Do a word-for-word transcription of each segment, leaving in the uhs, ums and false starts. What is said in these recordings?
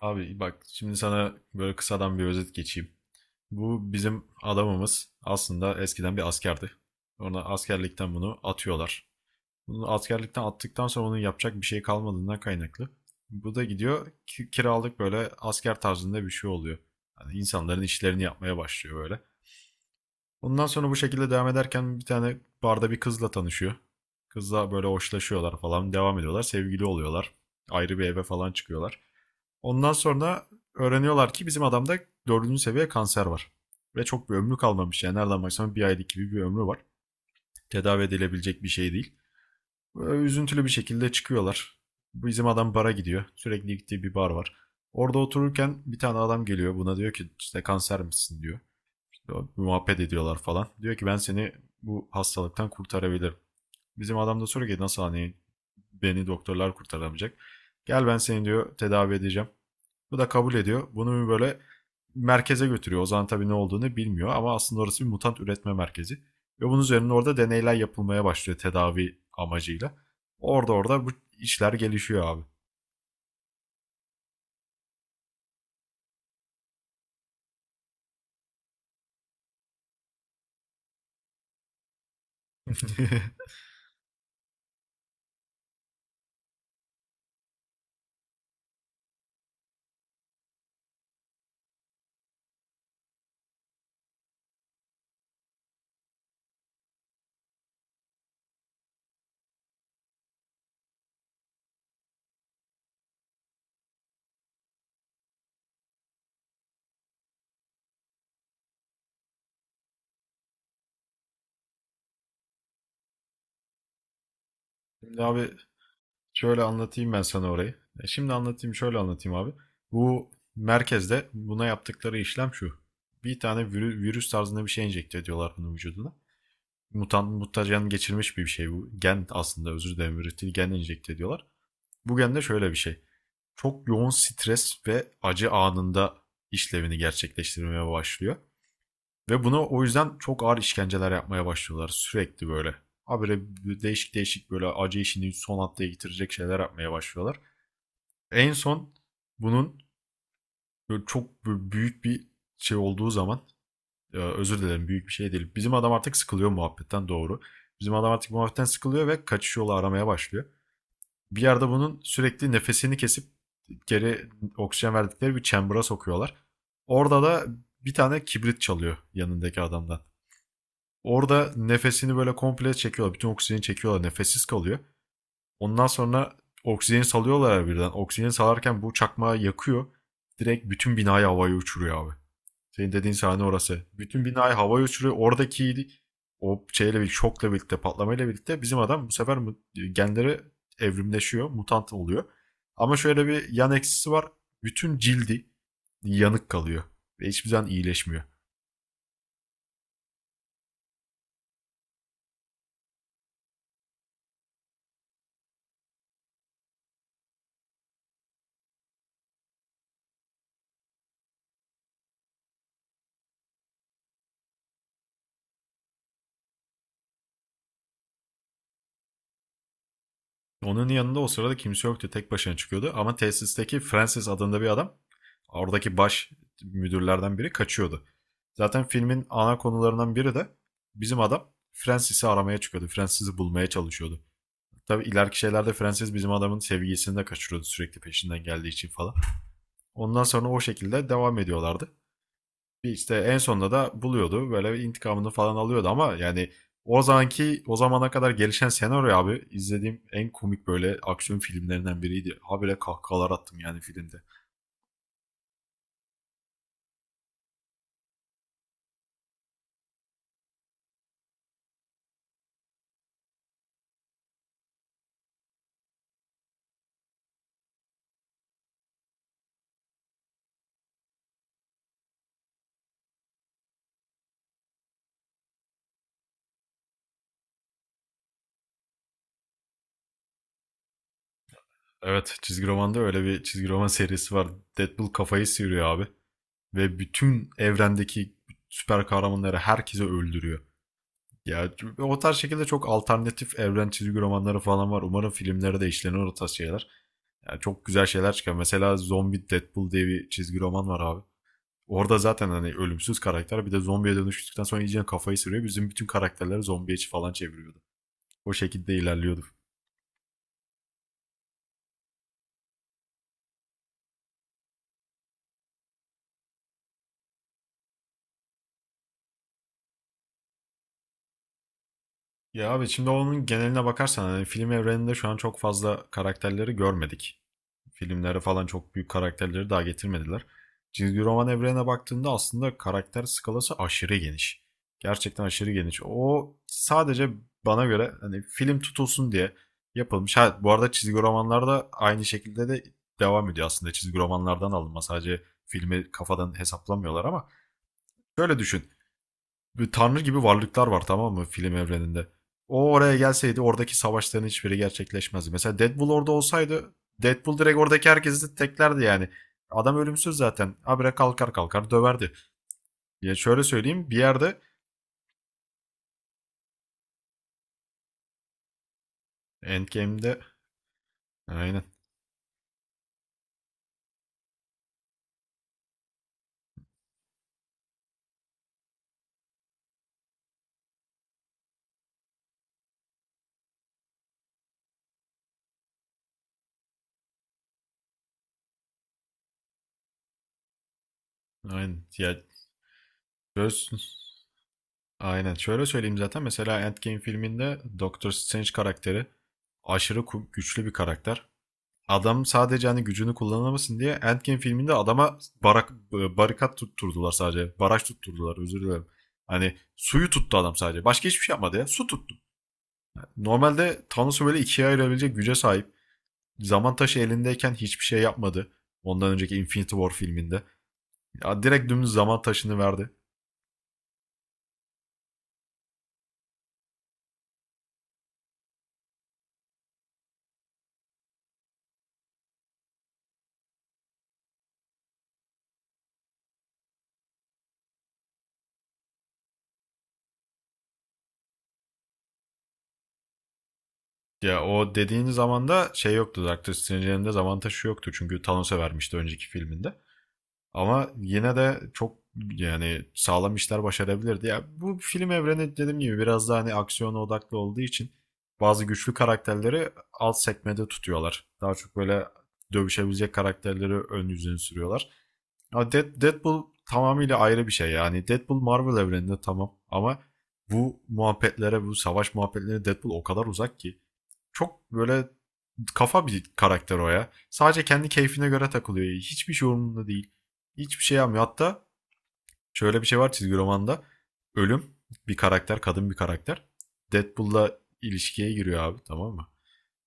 Abi bak şimdi sana böyle kısadan bir özet geçeyim. Bu bizim adamımız aslında eskiden bir askerdi. Ona askerlikten bunu atıyorlar. Bunu askerlikten attıktan sonra onun yapacak bir şey kalmadığından kaynaklı. Bu da gidiyor ki- kiralık böyle asker tarzında bir şey oluyor. Yani insanların işlerini yapmaya başlıyor böyle. Ondan sonra bu şekilde devam ederken bir tane barda bir kızla tanışıyor. Kızla böyle hoşlaşıyorlar falan devam ediyorlar. Sevgili oluyorlar. Ayrı bir eve falan çıkıyorlar. Ondan sonra öğreniyorlar ki bizim adamda dördüncü seviye kanser var. Ve çok bir ömrü kalmamış. Yani nereden baksan bir aylık gibi bir ömrü var. Tedavi edilebilecek bir şey değil. Böyle üzüntülü bir şekilde çıkıyorlar. Bizim adam bara gidiyor. Sürekli gittiği bir bar var. Orada otururken bir tane adam geliyor. Buna diyor ki işte kanser misin diyor. İşte muhabbet ediyorlar falan. Diyor ki ben seni bu hastalıktan kurtarabilirim. Bizim adam da soruyor ki nasıl hani beni doktorlar kurtaramayacak. Gel ben seni diyor tedavi edeceğim. Bu da kabul ediyor. Bunu bir böyle merkeze götürüyor. Ozan tabii ne olduğunu bilmiyor ama aslında orası bir mutant üretme merkezi. Ve bunun üzerine orada deneyler yapılmaya başlıyor tedavi amacıyla. Orada orada bu işler gelişiyor abi. Şimdi abi şöyle anlatayım ben sana orayı. E Şimdi anlatayım şöyle anlatayım abi. Bu merkezde buna yaptıkları işlem şu. Bir tane virü- virüs tarzında bir şey enjekte ediyorlar bunun vücuduna. Mutant mutajen geçirmiş bir şey bu. Gen aslında özür dilerim üretil gen enjekte ediyorlar. Bugün de şöyle bir şey. Çok yoğun stres ve acı anında işlevini gerçekleştirmeye başlıyor. Ve bunu o yüzden çok ağır işkenceler yapmaya başlıyorlar sürekli böyle. Habire değişik değişik böyle acı işini son haftaya getirecek şeyler yapmaya başlıyorlar. En son bunun çok büyük bir şey olduğu zaman e, özür dilerim büyük bir şey değil. Bizim adam artık sıkılıyor muhabbetten doğru. Bizim adam artık muhabbetten sıkılıyor ve kaçış yolu aramaya başlıyor. Bir yerde bunun sürekli nefesini kesip geri oksijen verdikleri bir chamber'a sokuyorlar. Orada da bir tane kibrit çalıyor yanındaki adamdan. Orada nefesini böyle komple çekiyorlar. Bütün oksijeni çekiyorlar. Nefessiz kalıyor. Ondan sonra oksijeni salıyorlar birden. Oksijeni salarken bu çakmağı yakıyor. Direkt bütün binayı havaya uçuruyor abi. Senin dediğin sahne orası. Bütün binayı havaya uçuruyor. Oradaki o şeyle bir şokla birlikte, patlamayla birlikte bizim adam bu sefer mu- genleri evrimleşiyor, mutant oluyor. Ama şöyle bir yan eksisi var. Bütün cildi yanık kalıyor ve hiçbir zaman iyileşmiyor. Onun yanında o sırada kimse yoktu. Tek başına çıkıyordu. Ama tesisteki Francis adında bir adam oradaki baş müdürlerden biri kaçıyordu. Zaten filmin ana konularından biri de bizim adam Francis'i aramaya çıkıyordu. Francis'i bulmaya çalışıyordu. Tabii ileriki şeylerde Frances bizim adamın sevgisini de kaçırıyordu sürekli peşinden geldiği için falan. Ondan sonra o şekilde devam ediyorlardı. İşte en sonunda da buluyordu. Böyle intikamını falan alıyordu ama yani o zamanki o zamana kadar gelişen senaryo abi izlediğim en komik böyle aksiyon filmlerinden biriydi. Habire kahkahalar attım yani filmde. Evet çizgi romanda öyle bir çizgi roman serisi var. Deadpool kafayı sıyırıyor abi. Ve bütün evrendeki süper kahramanları herkese öldürüyor. Ya o tarz şekilde çok alternatif evren çizgi romanları falan var. Umarım filmlere de işlenir o tarz şeyler. Yani çok güzel şeyler çıkar. Mesela Zombie Deadpool diye bir çizgi roman var abi. Orada zaten hani ölümsüz karakter bir de zombiye dönüştükten sonra iyice kafayı sürüyor. Bizim bütün karakterleri zombiye falan çeviriyordu. O şekilde ilerliyordu. Ya abi şimdi onun geneline bakarsan hani film evreninde şu an çok fazla karakterleri görmedik. Filmlere falan çok büyük karakterleri daha getirmediler. Çizgi roman evrenine baktığında aslında karakter skalası aşırı geniş. Gerçekten aşırı geniş. O sadece bana göre hani film tutulsun diye yapılmış. Ha, bu arada çizgi romanlarda aynı şekilde de devam ediyor aslında. Çizgi romanlardan alınma sadece filmi kafadan hesaplamıyorlar ama şöyle düşün bir tanrı gibi varlıklar var tamam mı film evreninde. O oraya gelseydi oradaki savaşların hiçbiri gerçekleşmezdi. Mesela Deadpool orada olsaydı Deadpool direkt oradaki herkesi teklerdi yani. Adam ölümsüz zaten. Habire kalkar kalkar döverdi. Ya şöyle söyleyeyim bir yerde Endgame'de, aynen aynen ya. Söz, aynen şöyle söyleyeyim zaten mesela Endgame filminde Doctor Strange karakteri aşırı güçlü bir karakter. Adam sadece hani gücünü kullanamasın diye Endgame filminde adama barak e, barikat tutturdular sadece. Baraj tutturdular özür dilerim. Hani suyu tuttu adam sadece. Başka hiçbir şey yapmadı ya. Su tuttu. Normalde Thanos'u böyle ikiye ayırabilecek güce sahip. Zaman taşı elindeyken hiçbir şey yapmadı. Ondan önceki Infinity War filminde. Ya direkt dümdüz zaman taşını verdi. Ya o dediğin zamanda şey yoktu. Doctor Strange'in elinde zaman taşı yoktu. Çünkü Thanos'a vermişti önceki filminde. Ama yine de çok yani sağlam işler başarabilirdi. Ya bu film evreni dediğim gibi biraz daha hani aksiyona odaklı olduğu için bazı güçlü karakterleri alt sekmede tutuyorlar. Daha çok böyle dövüşebilecek karakterleri ön yüzüne sürüyorlar. Ama Dead- Deadpool tamamıyla ayrı bir şey yani. Deadpool Marvel evreninde tamam ama bu muhabbetlere, bu savaş muhabbetlerine Deadpool o kadar uzak ki. Çok böyle kafa bir karakter o ya. Sadece kendi keyfine göre takılıyor. Hiçbir şey umurunda değil. Hiçbir şey yapmıyor. Hatta şöyle bir şey var çizgi romanda. Ölüm bir karakter, kadın bir karakter. Deadpool'la ilişkiye giriyor abi tamam mı?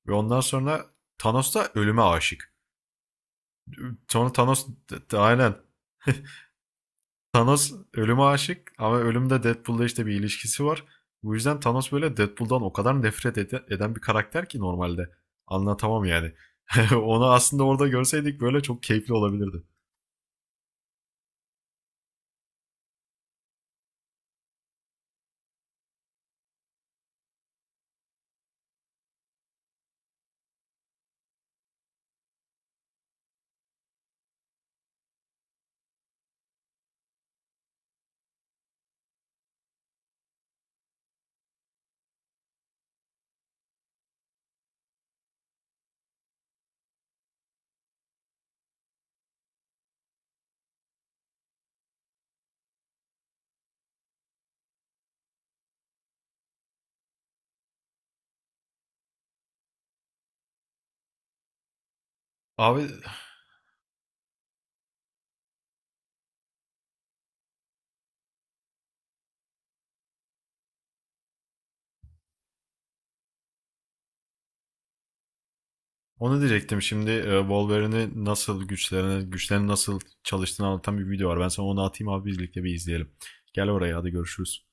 Ve ondan sonra Thanos da ölüme aşık. Sonra Thanos aynen Thanos ölüme aşık ama ölümde Deadpool'la işte bir ilişkisi var. Bu yüzden Thanos böyle Deadpool'dan o kadar nefret ede- eden bir karakter ki normalde. Anlatamam yani. Onu aslında orada görseydik böyle çok keyifli olabilirdi. Abi onu diyecektim şimdi e, Wolverine'i nasıl güçlerini, güçlerini nasıl çalıştığını anlatan bir video var. Ben sana onu atayım abi birlikte bir izleyelim. Gel oraya hadi görüşürüz.